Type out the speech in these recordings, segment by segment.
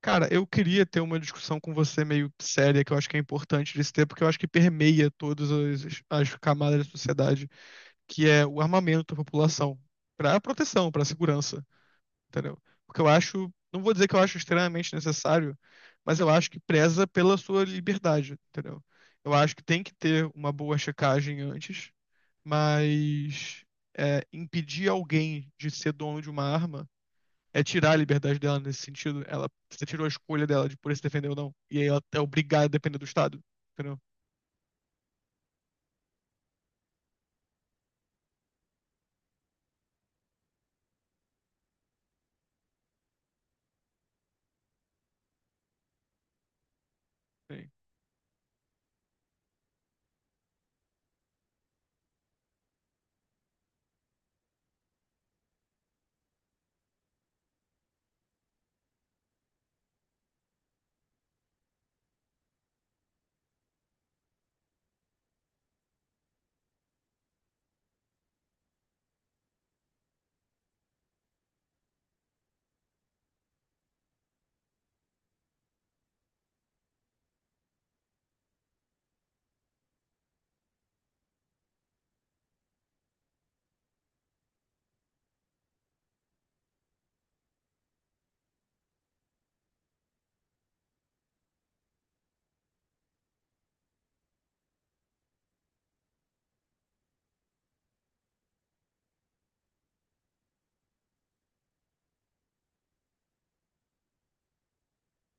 Cara, eu queria ter uma discussão com você meio séria, que eu acho que é importante de se ter, porque eu acho que permeia todas as camadas da sociedade, que é o armamento da população, para proteção, para segurança, entendeu? Porque eu acho, não vou dizer que eu acho extremamente necessário, mas eu acho que preza pela sua liberdade, entendeu? Eu acho que tem que ter uma boa checagem antes, mas impedir alguém de ser dono de uma arma é tirar a liberdade dela nesse sentido. Ela, você tirou a escolha dela de por se defender ou não. E aí ela é obrigada a depender do Estado. Entendeu? É.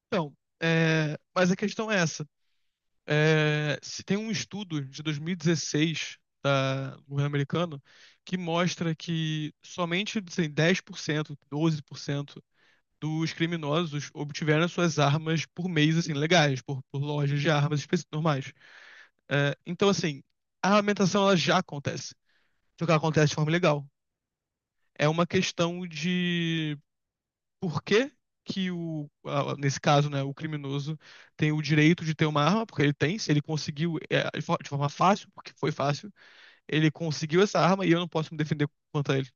Então, mas a questão é essa. É, se tem um estudo de 2016 do governo americano que mostra que somente assim, 10%, 12% dos criminosos obtiveram suas armas por meios assim, legais, por lojas de armas específicas normais. É, então, assim, a armamentação ela já acontece. Só que ela acontece de forma ilegal. É uma questão de por que que nesse caso, né, o criminoso tem o direito de ter uma arma, porque ele tem, se ele conseguiu, de forma fácil, porque foi fácil, ele conseguiu essa arma e eu não posso me defender contra ele.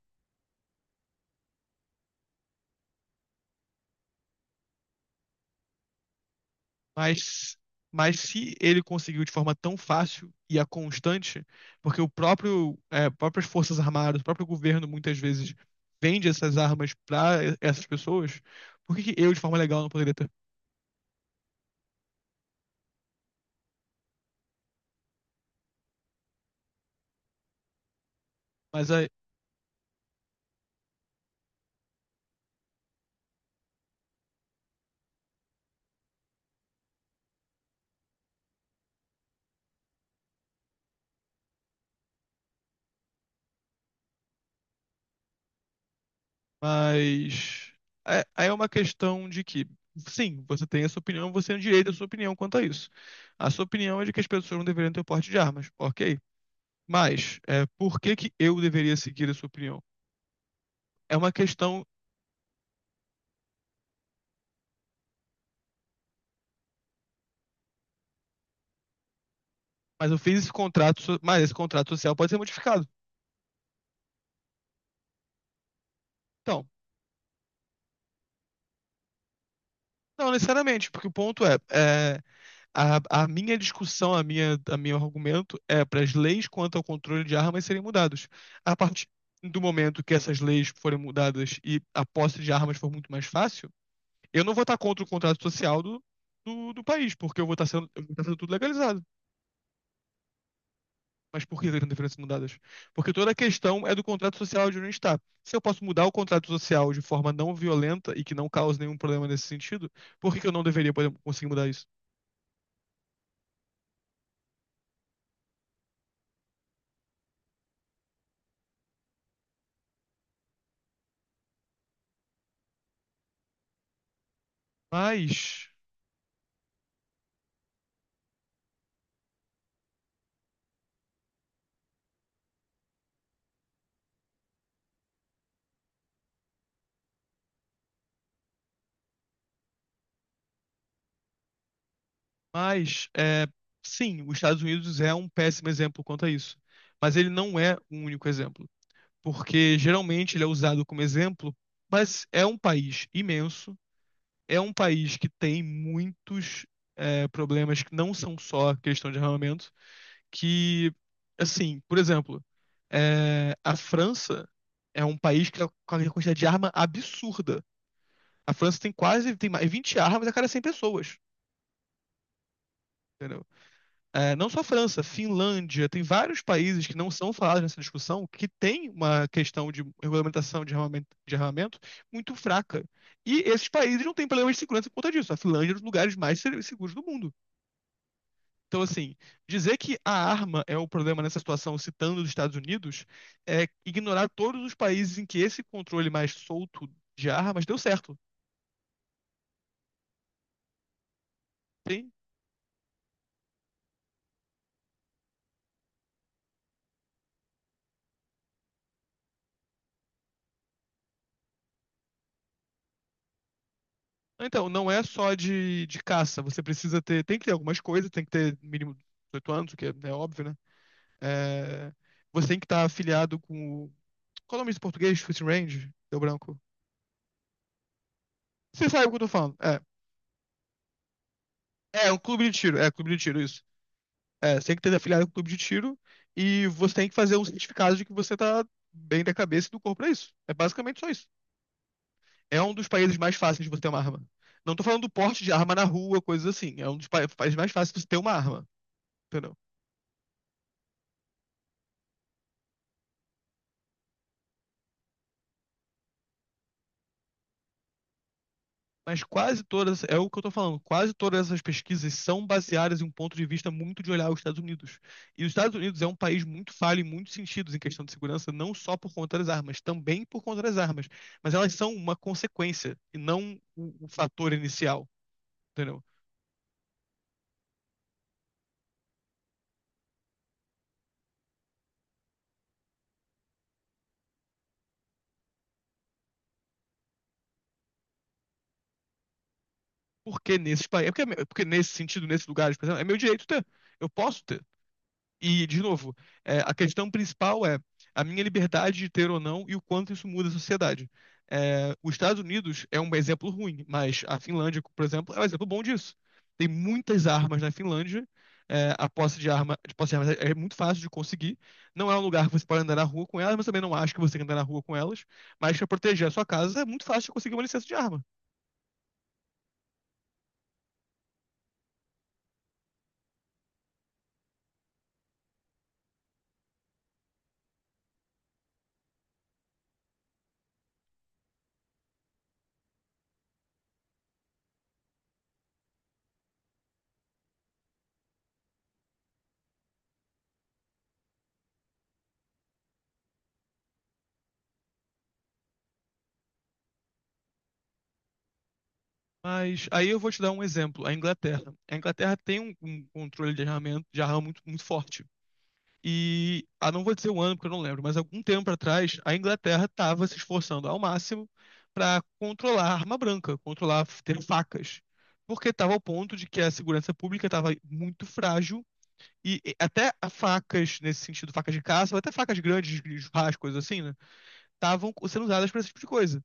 Mas, mas se ele conseguiu de forma tão fácil e a constante, porque o próprio, próprias forças armadas, o próprio governo muitas vezes vende essas armas para essas pessoas, por que que eu, de forma legal, não poderia ter? Mas é, Mas é uma questão de que, sim, você tem a sua opinião, você tem o direito à sua opinião quanto a isso. A sua opinião é de que as pessoas não deveriam ter porte de armas, ok? Mas é, por que que eu deveria seguir a sua opinião? É uma questão, mas eu fiz esse contrato, mas esse contrato social pode ser modificado. Então, não necessariamente, porque o ponto é a minha discussão, a meu argumento é para as leis quanto ao controle de armas serem mudadas. A partir do momento que essas leis forem mudadas e a posse de armas for muito mais fácil, eu não vou estar contra o contrato social do país, porque eu vou estar sendo tudo legalizado. Mas por que seriam diferenças mudadas? Porque toda a questão é do contrato social de onde está. Se eu posso mudar o contrato social de forma não violenta e que não cause nenhum problema nesse sentido, por que que eu não deveria poder, conseguir mudar isso? Mas Mas, é, sim, os Estados Unidos é um péssimo exemplo quanto a isso. Mas ele não é o único exemplo. Porque geralmente ele é usado como exemplo, mas é um país imenso, é um país que tem muitos problemas que não são só questão de armamento, que, assim, por exemplo, a França é um país que tem uma quantidade de arma absurda. A França tem quase, tem mais 20 armas a cada 100 pessoas, entendeu? É, não só a França, Finlândia, tem vários países que não são falados nessa discussão que tem uma questão de regulamentação de armamento muito fraca. E esses países não têm problema de segurança por conta disso. A Finlândia é um dos lugares mais seguros do mundo. Então, assim, dizer que a arma é o problema nessa situação, citando os Estados Unidos, é ignorar todos os países em que esse controle mais solto de armas deu certo. Tem- Então, não é só de caça. Você precisa ter. Tem que ter algumas coisas, tem que ter mínimo 18 anos, o que é óbvio, né? É, você tem que estar afiliado com o. Qual é o nome desse português? Shooting Range? Deu branco. Você sabe o que eu tô falando. É. É um clube de tiro. É, clube de tiro, isso. É, você tem que ter afiliado com o clube de tiro e você tem que fazer um certificado de que você tá bem da cabeça e do corpo pra isso. É basicamente só isso. É um dos países mais fáceis de você ter uma arma. Não tô falando do porte de arma na rua, coisas assim. É um dos países mais fáceis de você ter uma arma. Entendeu? Mas quase todas, é o que eu tô falando, quase todas essas pesquisas são baseadas em um ponto de vista muito de olhar os Estados Unidos. E os Estados Unidos é um país muito falho em muitos sentidos em questão de segurança, não só por conta das armas, também por conta das armas. Mas elas são uma consequência e não o fator inicial, entendeu? Porque nesses países, porque nesse sentido, nesses lugares, por exemplo, é meu direito ter. Eu posso ter. E, de novo, a questão principal é a minha liberdade de ter ou não e o quanto isso muda a sociedade. É, os Estados Unidos é um exemplo ruim, mas a Finlândia, por exemplo, é um exemplo bom disso. Tem muitas armas na Finlândia, a posse de arma, de posse de armas é, é muito fácil de conseguir. Não é um lugar que você pode andar na rua com elas, mas também não acho que você tem que andar na rua com elas. Mas para proteger a sua casa é muito fácil de conseguir uma licença de arma. Mas aí eu vou te dar um exemplo, a Inglaterra. A Inglaterra tem um controle de arma muito, muito forte. E, ah, não vou dizer o ano, porque eu não lembro, mas algum tempo atrás, a Inglaterra estava se esforçando ao máximo para controlar a arma branca, controlar ter facas, porque estava ao ponto de que a segurança pública estava muito frágil e até a facas, nesse sentido, facas de caça, ou até facas grandes, de churrasco, coisas assim, né, estavam sendo usadas para esse tipo de coisa.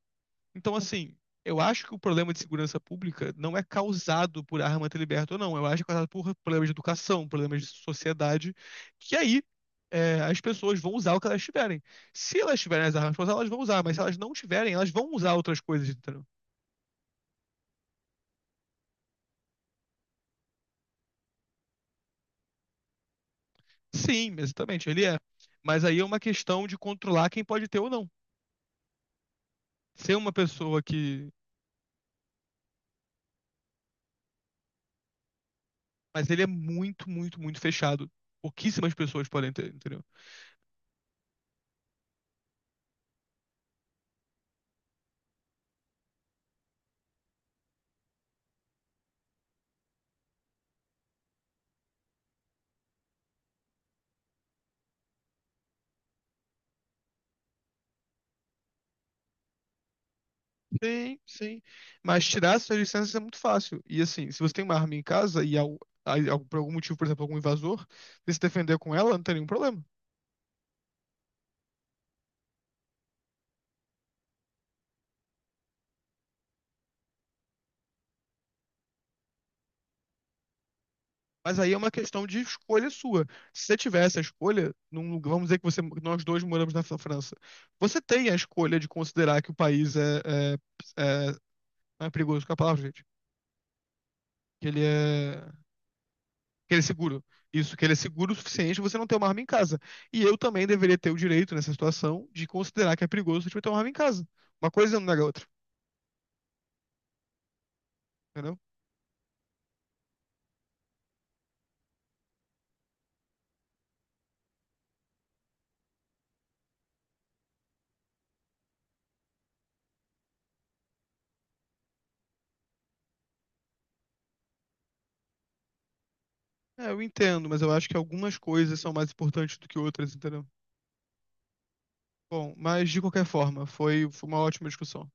Então, assim, eu acho que o problema de segurança pública não é causado por arma ter liberta ou não. Eu acho que é causado por problemas de educação, problemas de sociedade, que aí as pessoas vão usar o que elas tiverem. Se elas tiverem as armas pra usar, elas vão usar, mas se elas não tiverem, elas vão usar outras coisas, entendeu? Sim, exatamente, ele é. Mas aí é uma questão de controlar quem pode ter ou não. Ser uma pessoa que. Mas ele é muito, muito, muito fechado. Pouquíssimas pessoas podem ter, entendeu? Sim, sim. Mas tirar essas licenças é muito fácil. E assim, se você tem uma arma em casa e por algum motivo, por exemplo, algum invasor, você se defender com ela, não tem nenhum problema. Mas aí é uma questão de escolha sua. Se você tiver essa escolha, vamos dizer que você, nós dois moramos na França, você tem a escolha de considerar que o país é, não é perigoso com a palavra, gente. Que ele é. Que ele é seguro. Isso, que ele é seguro o suficiente pra você não ter uma arma em casa. E eu também deveria ter o direito, nessa situação, de considerar que é perigoso você ter uma arma em casa. Uma coisa não nega a outra, entendeu? É, eu entendo, mas eu acho que algumas coisas são mais importantes do que outras, entendeu? Bom, mas de qualquer forma, foi uma ótima discussão.